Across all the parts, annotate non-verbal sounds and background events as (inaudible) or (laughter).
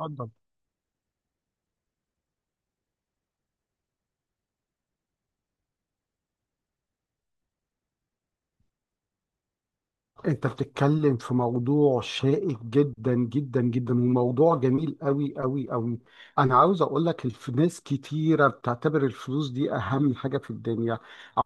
اتفضل. انت بتتكلم في موضوع شائك جدا جدا جدا وموضوع جميل قوي قوي قوي. انا عاوز اقول لك ناس كتيره بتعتبر الفلوس دي اهم حاجه في الدنيا.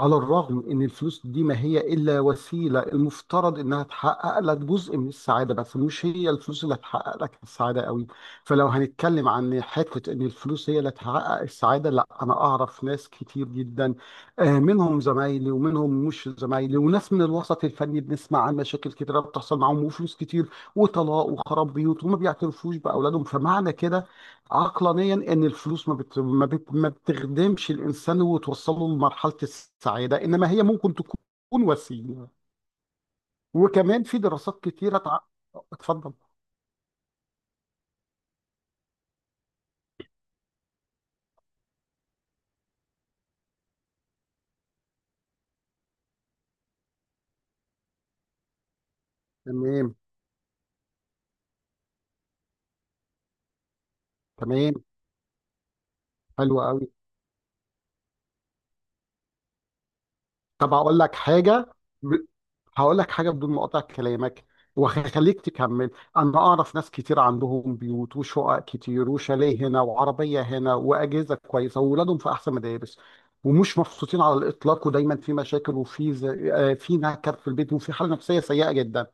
على الرغم ان الفلوس دي ما هي الا وسيله المفترض انها تحقق لك جزء من السعاده، بس مش هي الفلوس اللي هتحقق لك السعاده قوي. فلو هنتكلم عن حته ان الفلوس هي اللي تحقق السعاده، لا، انا اعرف ناس كتير جدا، آه، منهم زمايلي ومنهم مش زمايلي، وناس من الوسط الفني بنسمع عن مشاكل كتيرة بتحصل معاهم وفلوس كتير وطلاق وخراب بيوت وما بيعترفوش بأولادهم. فمعنى كده عقلانيا إن الفلوس ما بتخدمش الإنسان وتوصله لمرحلة السعادة، إنما هي ممكن تكون وسيلة. وكمان في دراسات كتيرة اتفضل. تمام. تمام. حلو قوي. طب أقول لك حاجة، هقول لك حاجه بدون ما اقطع كلامك، وهخليك تكمل. انا اعرف ناس كتير عندهم بيوت وشقق كتير وشاليه هنا وعربيه هنا واجهزه كويسه واولادهم في احسن مدارس، ومش مبسوطين على الاطلاق، ودايما في مشاكل، وفي ز... آه، في نكر في البيت، وفي حاله نفسيه سيئه جدا.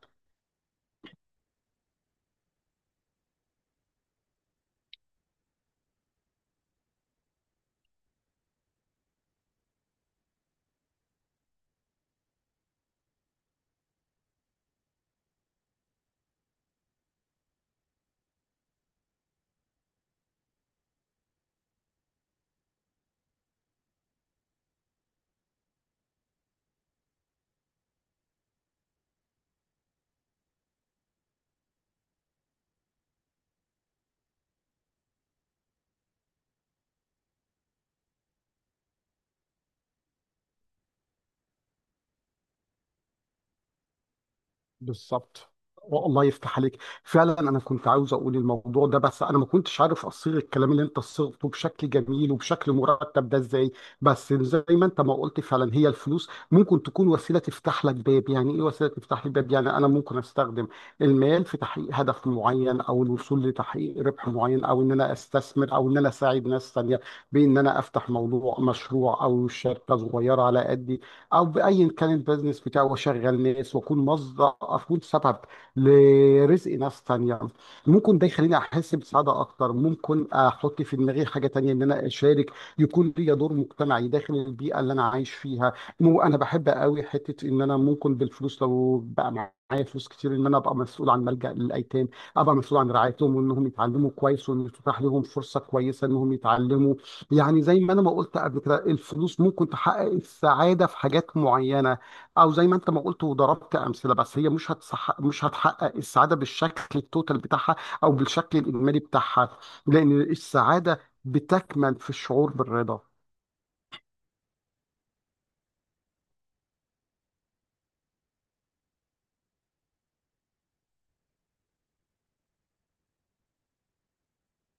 بالظبط. والله يفتح عليك. فعلا انا كنت عاوز اقول الموضوع ده، بس انا ما كنتش عارف اصيغ الكلام اللي انت صيغته بشكل جميل وبشكل مرتب ده ازاي. بس زي ما انت ما قلت، فعلا هي الفلوس ممكن تكون وسيله تفتح لك باب، يعني ايه وسيله تفتح لي باب، يعني انا ممكن استخدم المال في تحقيق هدف معين، او الوصول لتحقيق ربح معين، او ان انا استثمر، او ان انا اساعد ناس تانيه، بان انا افتح موضوع مشروع او شركه صغيره على قد او بايا كان البيزنس بتاعه، واشغل ناس، واكون مصدر، اكون سبب لرزق ناس تانية. ممكن ده يخليني احس بسعاده اكتر، ممكن احط في دماغي حاجه تانية ان انا اشارك، يكون ليا دور مجتمعي داخل البيئه اللي انا عايش فيها. مو انا بحب قوي حته ان انا ممكن بالفلوس، لو بقى معايا فلوس كتير، ان انا ابقى مسؤول عن ملجأ للايتام، ابقى مسؤول عن رعايتهم، وانهم يتعلموا كويس، وان تتاح لهم فرصه كويسه انهم يتعلموا. يعني زي ما انا ما قلت قبل كده، الفلوس ممكن تحقق السعاده في حاجات معينه، او زي ما انت ما قلت وضربت امثله، بس هي مش هتحقق السعاده بالشكل التوتال بتاعها او بالشكل الاجمالي بتاعها، لان السعاده بتكمن في الشعور بالرضا.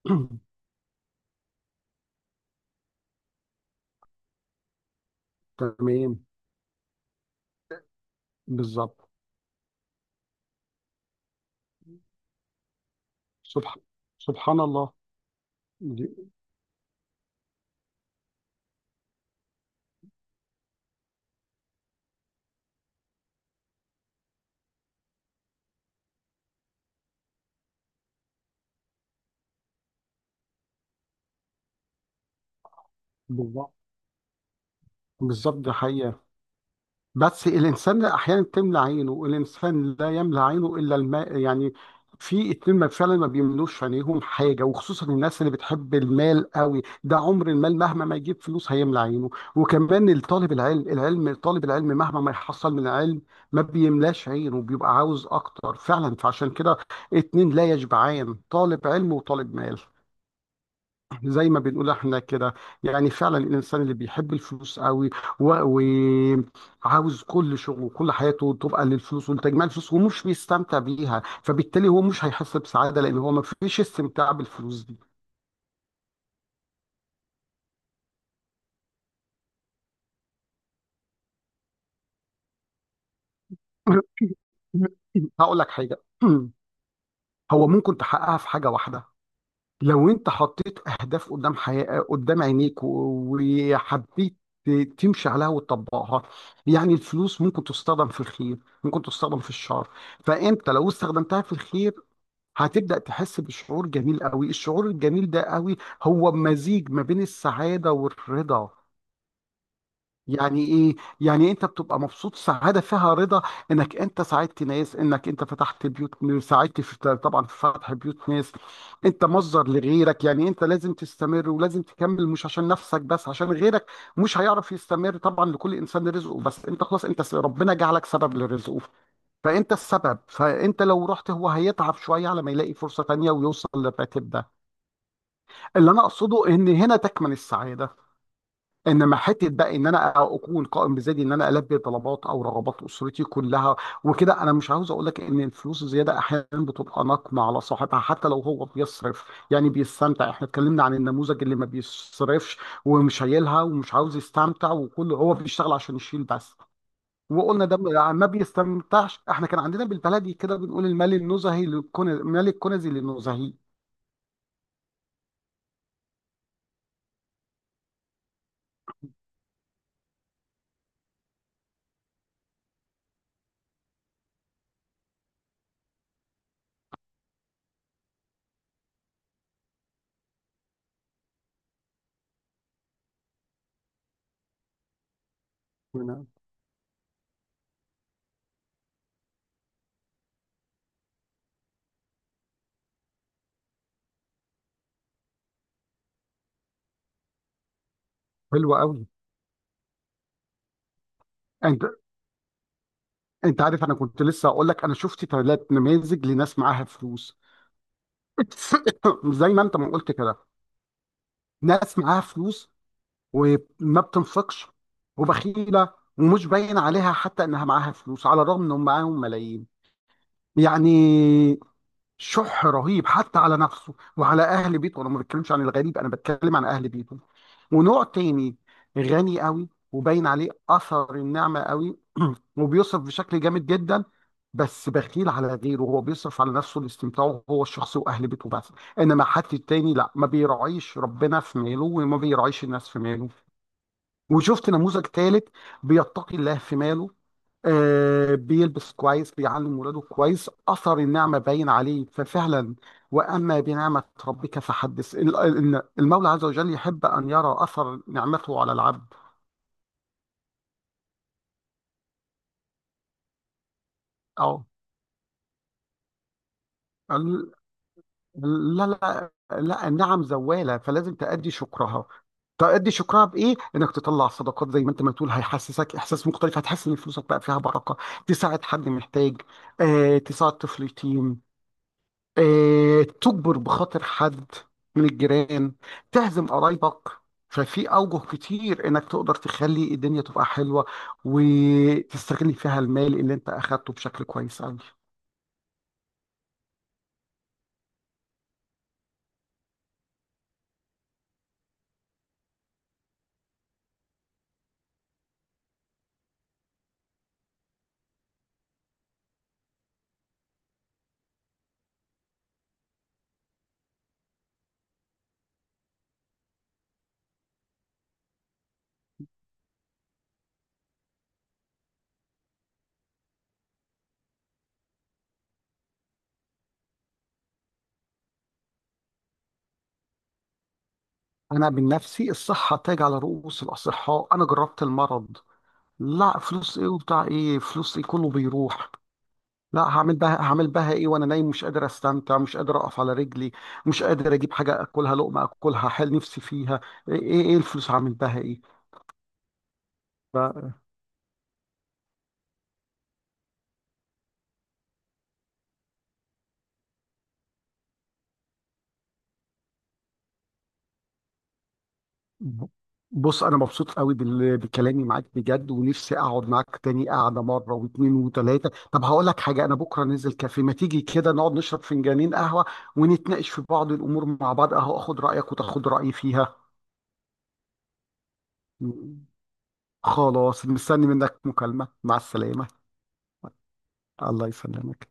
(clears throat) تمام. بالظبط. سبحان سبحان الله. دي- بالظبط. بالظبط، ده حقيقه. بس الإنسان أحيانا تملى عينه، الإنسان لا يملى عينه إلا الماء. يعني في اتنين ما فعلا ما بيملوش عينيهم حاجة، وخصوصا الناس اللي بتحب المال قوي، ده عمر المال مهما ما يجيب فلوس هيملى عينه. وكمان الطالب العلم، طالب العلم مهما ما يحصل من علم ما بيملاش عينه، بيبقى عاوز أكتر فعلا. فعشان كده اتنين لا يشبعان، طالب علم وطالب مال، زي ما بنقول احنا كده. يعني فعلا الانسان اللي بيحب الفلوس قوي وعاوز كل شغله وكل حياته تبقى للفلوس ولتجميع الفلوس، ومش بيستمتع بيها، فبالتالي هو مش هيحس بسعادة، لان هو ما فيش استمتاع بالفلوس دي. (laughs) هقول لك حاجة. (clears throat) هو ممكن تحققها في حاجة واحدة. لو انت حطيت اهداف قدام حياة، قدام عينيك، وحبيت تمشي عليها وتطبقها. يعني الفلوس ممكن تستخدم في الخير، ممكن تستخدم في الشر. فانت لو استخدمتها في الخير هتبدأ تحس بشعور جميل قوي، الشعور الجميل ده قوي، هو مزيج ما بين السعادة والرضا. يعني ايه؟ يعني انت بتبقى مبسوط، سعاده فيها رضا، انك انت ساعدت ناس، انك انت فتحت بيوت، ساعدت، في طبعا، في فتح بيوت ناس. انت مصدر لغيرك، يعني انت لازم تستمر ولازم تكمل، مش عشان نفسك بس، عشان غيرك مش هيعرف يستمر. طبعا لكل انسان رزقه، بس انت خلاص، انت ربنا جعلك سبب لرزقه، فانت السبب. فانت لو رحت هو هيتعب شويه على ما يلاقي فرصه تانيه ويوصل للراتب ده. اللي انا اقصده ان هنا تكمن السعاده. انما حته بقى ان انا اكون قائم بذاتي، ان انا البي طلبات او رغبات اسرتي كلها وكده. انا مش عاوز اقول لك ان الفلوس الزياده احيانا بتبقى نقمه على صاحبها، حتى لو هو بيصرف يعني بيستمتع. احنا اتكلمنا عن النموذج اللي ما بيصرفش ومش شايلها ومش عاوز يستمتع، وكله هو بيشتغل عشان يشيل بس، وقلنا ده ما بيستمتعش. احنا كان عندنا بالبلدي كده بنقول المال النزهي للكنز، مال الكنزي للنزهي. حلو قوي. انت عارف انا كنت لسه هقول لك، انا شفت ثلاث نماذج لناس معاها فلوس. (laughs) (coughs) زي ما انت ما قلت كده، ناس معاها فلوس وما بتنفقش وبخيله ومش باين عليها حتى انها معاها فلوس، على الرغم انهم معاهم ملايين. يعني شح رهيب حتى على نفسه وعلى اهل بيته، انا ما بتكلمش عن الغريب، انا بتكلم عن اهل بيته. ونوع تاني غني قوي وباين عليه اثر النعمه قوي، (clears throat) وبيصرف بشكل جامد جدا، بس بخيل على غيره، هو بيصرف على نفسه لاستمتاعه هو الشخصي واهل بيته بس، انما حد التاني لا، ما بيراعيش ربنا في ماله وما بيراعيش الناس في ماله. وشفت نموذج ثالث بيتقي الله في ماله، آه، بيلبس كويس، بيعلم ولاده كويس، اثر النعمه باين عليه. ففعلا واما بنعمه ربك فحدث، المولى عز وجل يحب ان يرى اثر نعمته على العبد. او ال- لا، لا، لا، النعم زواله، فلازم تأدي شكرها. تأدي شكرها بإيه؟ إنك تطلع صدقات، زي ما أنت ما تقول، هيحسسك إحساس مختلف، هتحس إن فلوسك بقى فيها بركة، تساعد حد محتاج، آه، تساعد طفل يتيم، آه، تجبر بخاطر حد من الجيران، تعزم قرايبك. ففي أوجه كتير إنك تقدر تخلي الدنيا تبقى حلوة، وتستغل فيها المال اللي أنت أخدته بشكل كويس أوي. أنا من نفسي الصحة تاج على رؤوس الأصحاء، أنا جربت المرض. لا، فلوس إيه وبتاع إيه، فلوس إيه، كله بيروح. لا، هعمل بها، هعمل بها ايه وانا نايم مش قادر استمتع، مش قادر اقف على رجلي، مش قادر اجيب حاجه اكلها لقمه اكلها حال نفسي فيها؟ ايه ايه إيه الفلوس هعمل بها؟ ايه. ب- بص انا مبسوط قوي بكلامي معاك بجد، ونفسي اقعد معاك تاني قعده مره واثنين وثلاثه. طب هقول لك حاجه، انا بكره نزل كافيه، ما تيجي كده نقعد نشرب فنجانين قهوه ونتناقش في بعض الامور مع بعض، اهو اخد رايك وتاخد رايي فيها. م- خلاص مستني منك مكالمه. مع السلامه. الله يسلمك.